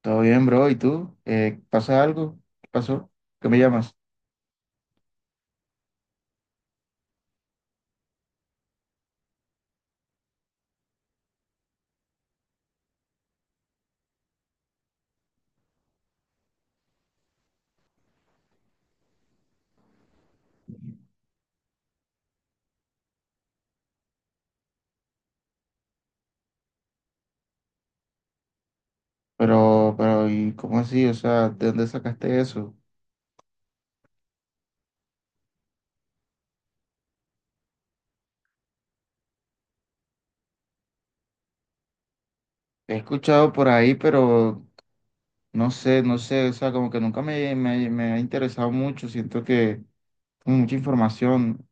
Todo bien, bro. ¿Y tú? ¿Pasa algo? ¿Qué pasó? ¿Qué me llamas? Pero, ¿y cómo así? O sea, ¿de dónde sacaste eso? He escuchado por ahí, pero no sé, no sé. O sea, como que nunca me ha interesado mucho. Siento que tengo mucha información.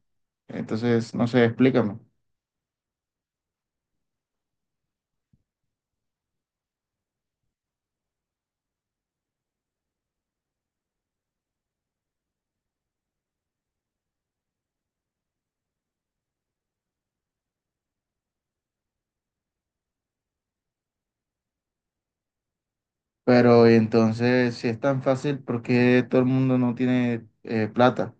Entonces, no sé, explícame. Pero, y entonces, si es tan fácil, ¿por qué todo el mundo no tiene plata?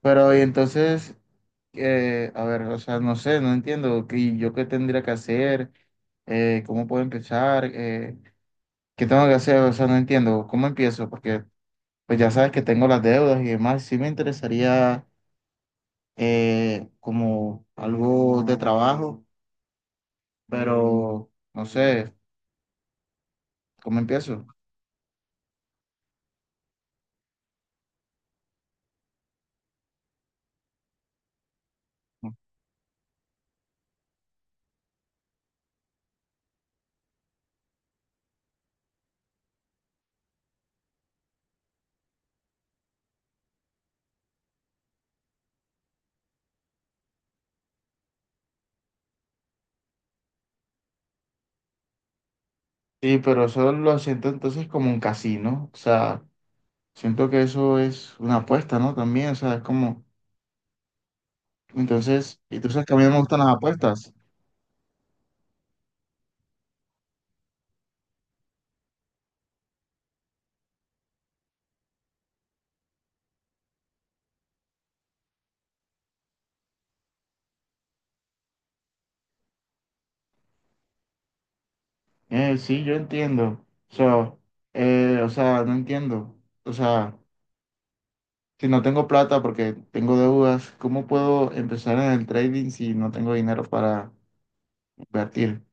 Pero, y entonces, a ver, o sea, no sé, no entiendo qué, yo qué tendría que hacer, cómo puedo empezar, qué tengo que hacer, o sea, no entiendo cómo empiezo, porque pues ya sabes que tengo las deudas y demás, sí me interesaría como algo de trabajo, pero no sé, ¿cómo empiezo? Sí, pero eso lo siento entonces como un casino, o sea, siento que eso es una apuesta, ¿no? También, o sea, es como, entonces, y tú sabes que a mí no me gustan las apuestas. Sí, yo entiendo. So, o sea, no entiendo. O sea, si no tengo plata porque tengo deudas, ¿cómo puedo empezar en el trading si no tengo dinero para invertir?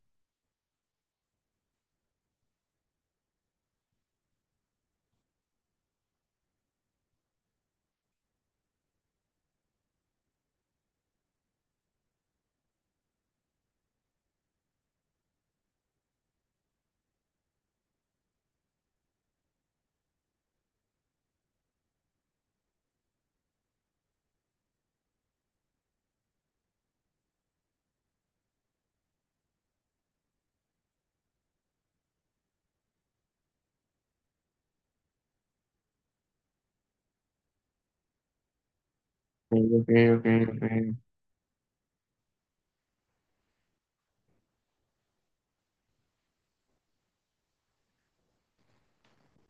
Ok, ok, ok, ok,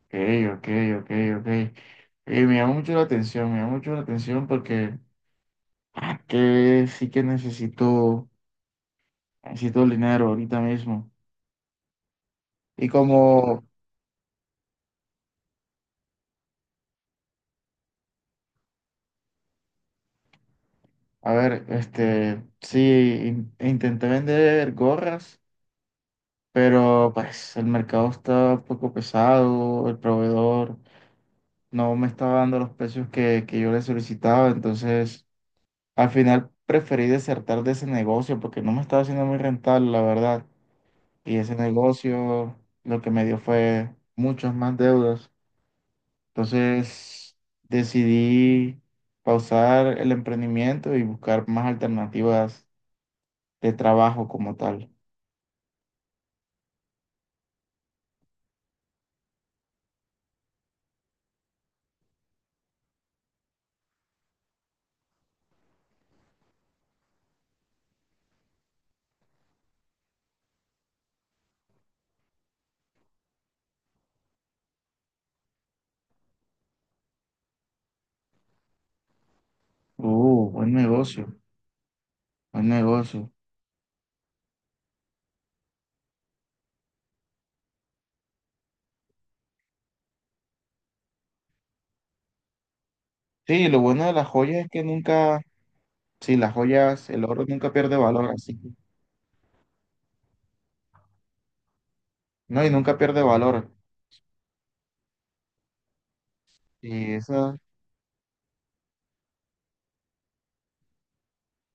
ok, ok, ok, ok. Me llama mucho la atención, me llama mucho la atención porque ah, que sí que necesito, necesito el dinero ahorita mismo. Y como, a ver, este, sí, intenté vender gorras, pero pues el mercado está un poco pesado, el proveedor no me estaba dando los precios que yo le solicitaba, entonces al final preferí desertar de ese negocio porque no me estaba haciendo muy rentable, la verdad, y ese negocio lo que me dio fue muchas más deudas, entonces decidí pausar el emprendimiento y buscar más alternativas de trabajo como tal. Buen negocio, buen negocio. Sí, lo bueno de las joyas es que nunca, sí, las joyas, el oro nunca pierde valor, así que, no, y nunca pierde valor. Y eso,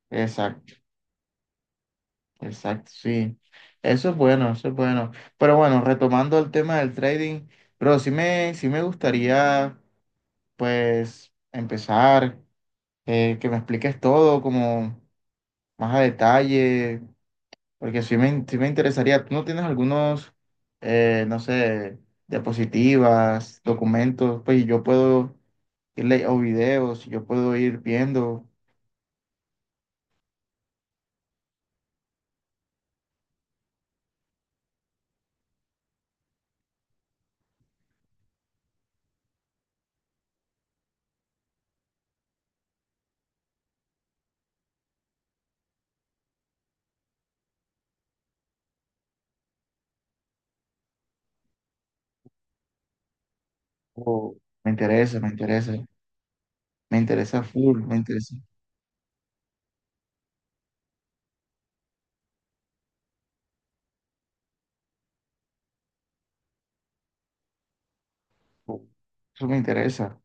exacto, exacto, sí. Eso es bueno, eso es bueno. Pero bueno, retomando el tema del trading, pero sí me gustaría, pues, empezar, que me expliques todo como más a detalle. Porque sí me interesaría. ¿Tú no tienes algunos, no sé, diapositivas, documentos? Pues yo puedo irle o videos, yo puedo ir viendo. O me interesa, me interesa. Me interesa full, me interesa. Full. Eso me interesa,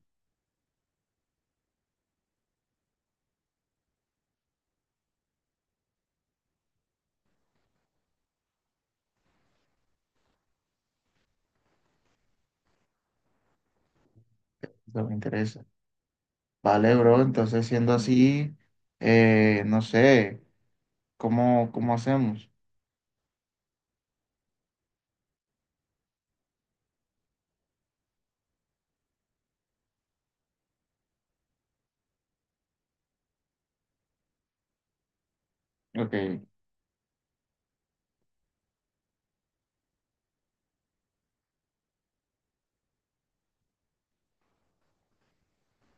eso me interesa. Vale, bro, entonces siendo así, no sé, cómo hacemos? Ok,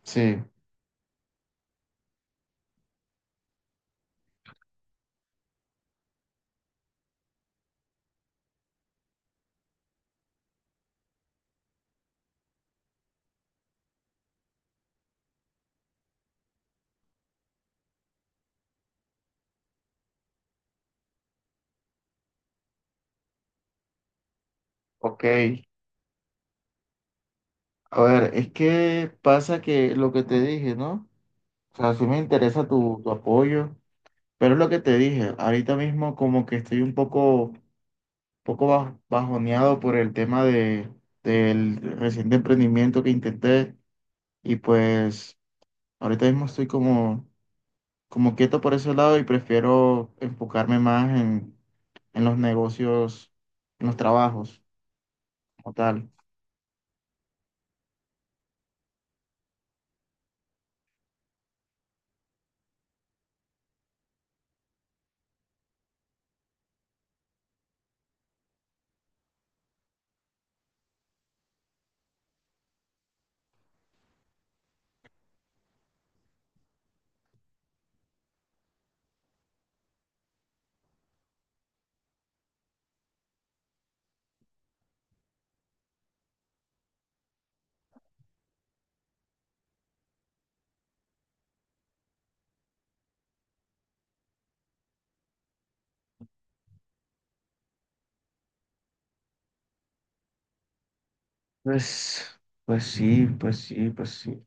sí, ok. A ver, es que pasa que lo que te dije, ¿no? O sea, sí me interesa tu apoyo, pero es lo que te dije, ahorita mismo como que estoy un poco, poco bajoneado por el tema de, del reciente emprendimiento que intenté, y pues ahorita mismo estoy como, como quieto por ese lado y prefiero enfocarme más en los negocios, en los trabajos como tal. Pues, pues sí, pues sí, pues sí.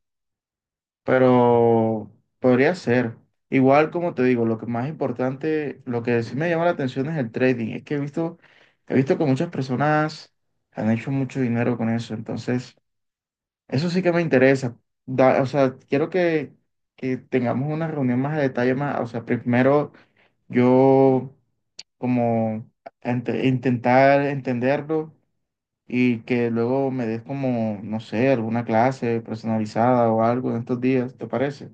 Pero podría ser. Igual, como te digo, lo que más importante, lo que sí me llama la atención es el trading. Es que he visto que muchas personas han hecho mucho dinero con eso. Entonces, eso sí que me interesa. Da- o sea, quiero que tengamos una reunión más a detalle, más, o sea, primero yo como intentar entenderlo y que luego me des como, no sé, alguna clase personalizada o algo en estos días, ¿te parece?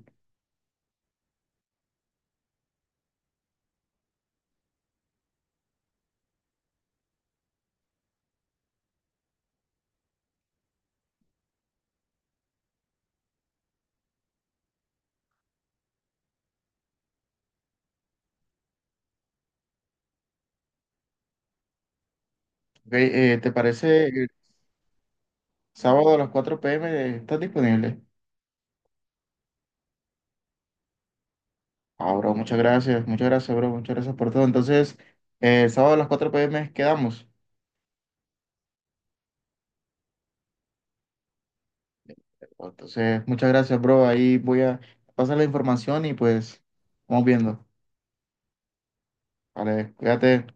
Ok, ¿te parece el sábado a las 4 p. m. estás disponible? Ah, bro, muchas gracias, bro, muchas gracias por todo. Entonces, el sábado a las 4 p. m. quedamos. Entonces, muchas gracias, bro. Ahí voy a pasar la información y pues vamos viendo. Vale, cuídate.